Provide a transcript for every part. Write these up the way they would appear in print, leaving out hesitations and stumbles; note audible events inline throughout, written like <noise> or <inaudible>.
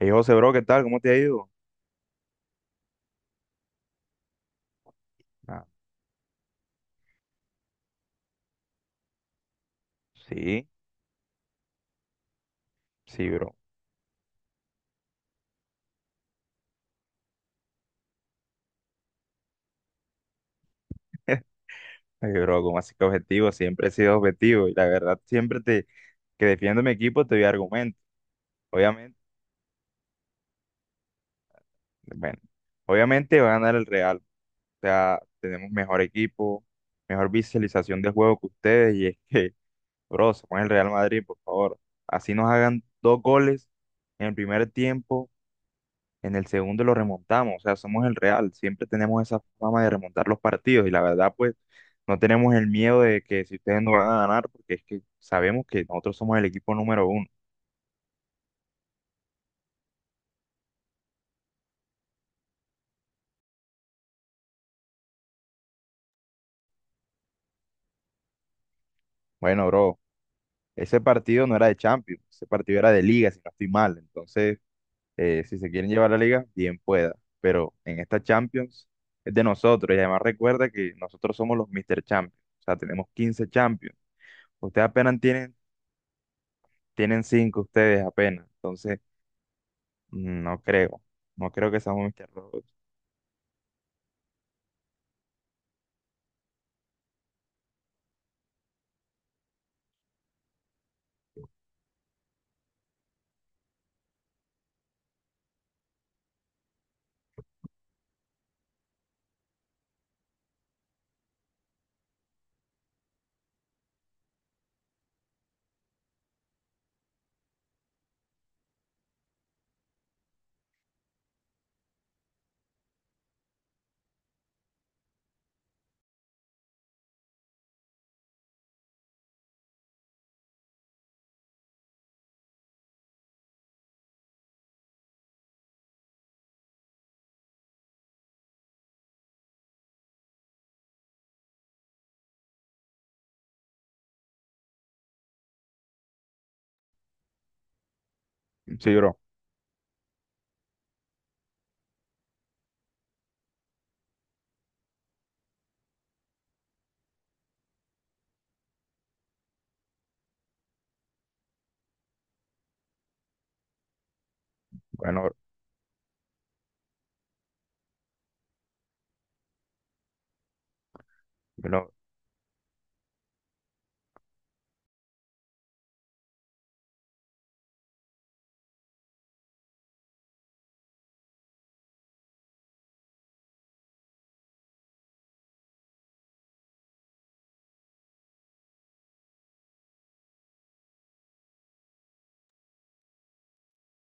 Hey, José, bro, ¿qué tal? ¿Cómo te ha ido? Ah, sí, sí, bro. <laughs> Ey, bro, como así que objetivo? Siempre he sido objetivo y la verdad, siempre te, que defiendo mi equipo te doy argumentos. Obviamente, bueno, obviamente va a ganar el Real. O sea, tenemos mejor equipo, mejor visualización de juego que ustedes y es que, <laughs> bro, se pone el Real Madrid, por favor. Así nos hagan dos goles en el primer tiempo. En el segundo lo remontamos, o sea, somos el Real, siempre tenemos esa fama de remontar los partidos y la verdad, pues no tenemos el miedo de que si ustedes no van a ganar, porque es que sabemos que nosotros somos el equipo número uno. Bueno, bro, ese partido no era de Champions, ese partido era de Liga, si no estoy mal. Entonces, si se quieren llevar la Liga, bien pueda, pero en esta Champions es de nosotros y además recuerda que nosotros somos los Mr. Champions, o sea, tenemos 15 Champions. Ustedes apenas tienen, 5 ustedes apenas. Entonces, mm, no creo. No creo que seamos Mr. Robot. Sí, bro. Bueno, bro,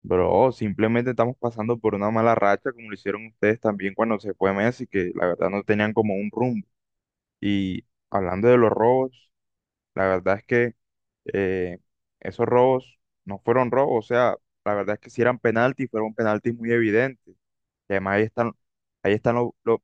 bro, simplemente estamos pasando por una mala racha, como lo hicieron ustedes también cuando se fue Messi, que la verdad no tenían como un rumbo. Y hablando de los robos, la verdad es que eh, esos robos no fueron robos. O sea, la verdad es que si eran penaltis, fueron penaltis muy evidentes. Y además ahí están, ahí están.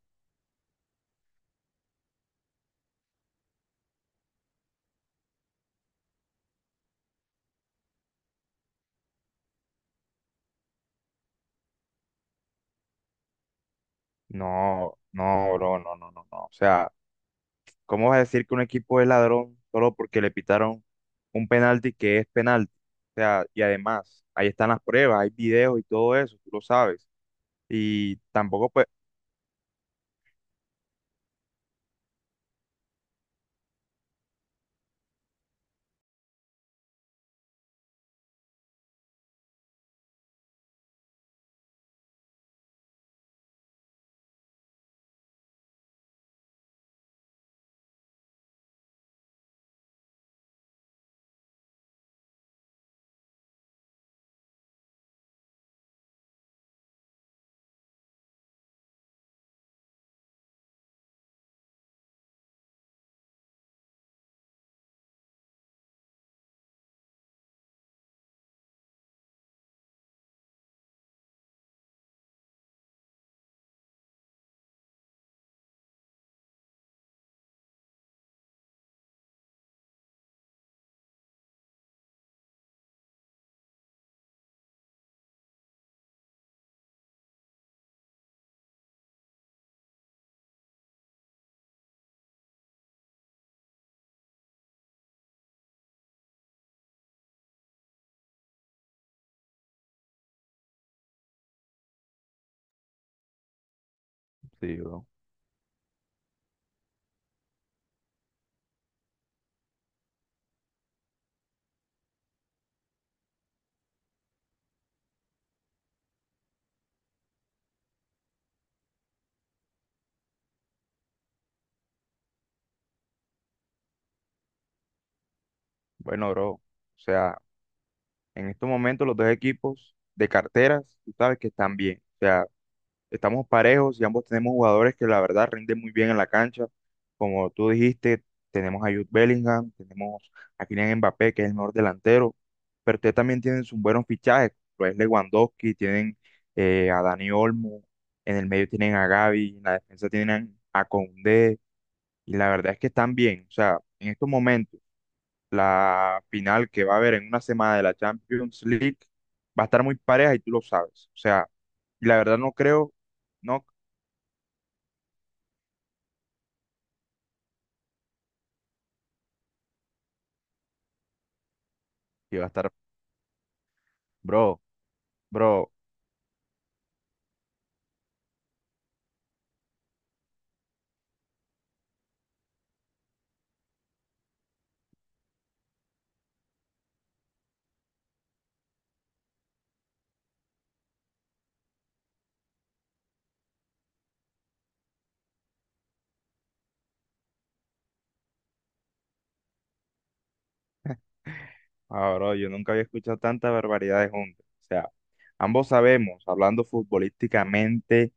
No, no, bro, no, no, no, no. O sea. ¿Cómo vas a decir que un equipo es ladrón solo porque le pitaron un penalti que es penalti? O sea, y además, ahí están las pruebas, hay videos y todo eso, tú lo sabes. Y tampoco, pues, sí, bro. Bueno, bro, o sea, en estos momentos los dos equipos de carteras, tú sabes que están bien. O sea, estamos parejos y ambos tenemos jugadores que la verdad rinden muy bien en la cancha. Como tú dijiste, tenemos a Jude Bellingham, tenemos a Kylian Mbappé, que es el mejor delantero, pero ustedes también tienen sus buenos fichajes, lo es Lewandowski, tienen a Dani Olmo, en el medio tienen a Gavi, en la defensa tienen a Koundé, y la verdad es que están bien. O sea, en estos momentos, la final que va a haber en una semana de la Champions League va a estar muy pareja y tú lo sabes. O sea, y la verdad no creo, no, que va a estar. Bro, bro, ah, bro, yo nunca había escuchado tantas barbaridades juntas. O sea, ambos sabemos, hablando futbolísticamente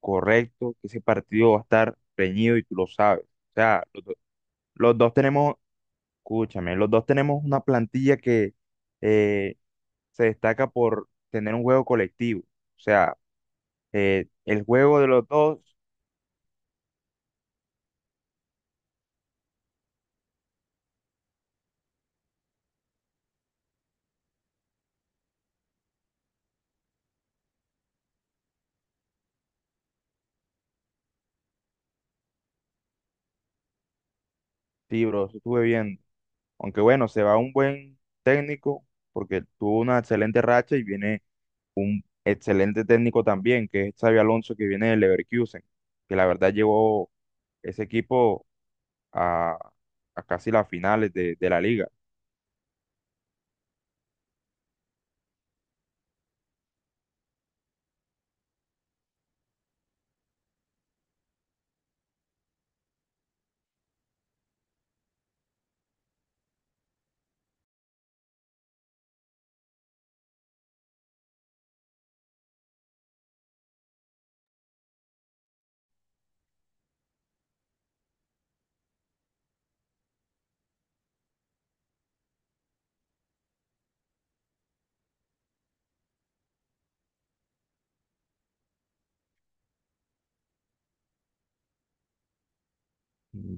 correcto, que ese partido va a estar reñido y tú lo sabes. O sea, los dos tenemos, escúchame, los dos tenemos una plantilla que eh, se destaca por tener un juego colectivo. O sea, el juego de los dos. Sí, bro, eso estuve viendo. Aunque bueno, se va un buen técnico porque tuvo una excelente racha y viene un excelente técnico también, que es Xabi Alonso, que viene del Leverkusen, que la verdad llevó ese equipo a, a casi las finales de la liga.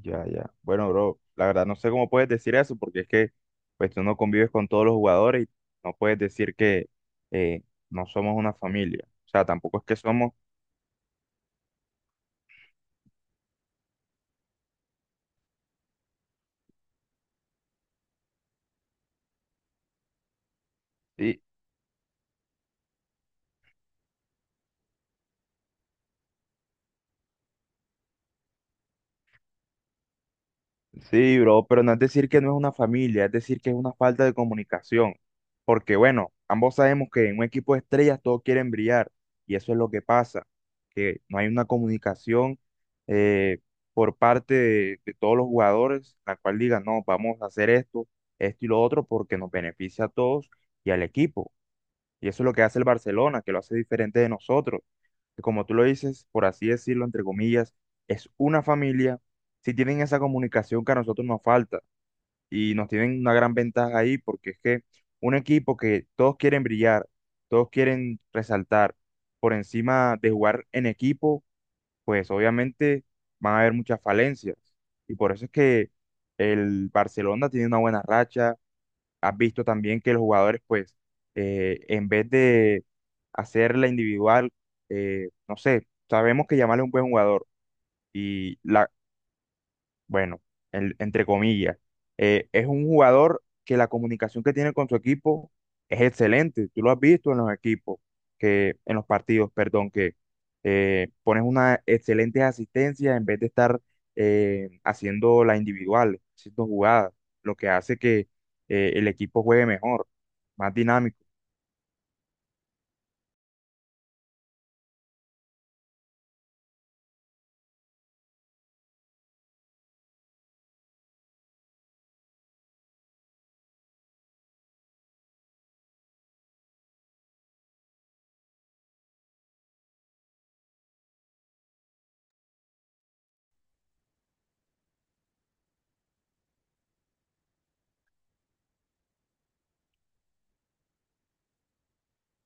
Ya, ya. Bueno, bro, la verdad no sé cómo puedes decir eso, porque es que pues tú no convives con todos los jugadores y no puedes decir que eh, no somos una familia. O sea, tampoco es que somos, y, sí, bro, pero no es decir que no es una familia, es decir que es una falta de comunicación. Porque bueno, ambos sabemos que en un equipo de estrellas todos quieren brillar y eso es lo que pasa, que no hay una comunicación eh, por parte de todos los jugadores, la cual diga, no, vamos a hacer esto, esto y lo otro porque nos beneficia a todos y al equipo. Y eso es lo que hace el Barcelona, que lo hace diferente de nosotros que como tú lo dices, por así decirlo, entre comillas, es una familia, si tienen esa comunicación que a nosotros nos falta y nos tienen una gran ventaja ahí, porque es que un equipo que todos quieren brillar, todos quieren resaltar por encima de jugar en equipo, pues obviamente van a haber muchas falencias. Y por eso es que el Barcelona tiene una buena racha, has visto también que los jugadores, pues, en vez de hacer la individual, no sé, sabemos que Yamal es un buen jugador y la, bueno, entre comillas, es un jugador que la comunicación que tiene con su equipo es excelente. Tú lo has visto en los equipos, que, en los partidos, perdón, que pones una excelente asistencia en vez de estar haciendo la individual, haciendo jugadas, lo que hace que el equipo juegue mejor, más dinámico.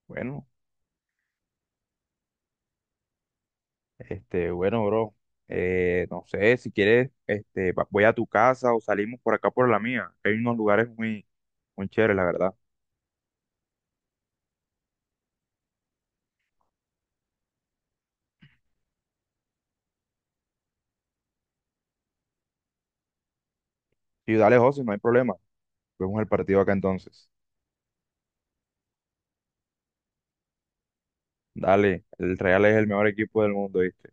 Bueno, bueno, bro, no sé, si quieres, voy a tu casa o salimos por acá por la mía. Hay unos lugares muy, muy chéveres, la verdad. Y dale, José, no hay problema. Vemos el partido acá entonces. Dale, el Real es el mejor equipo del mundo, ¿viste?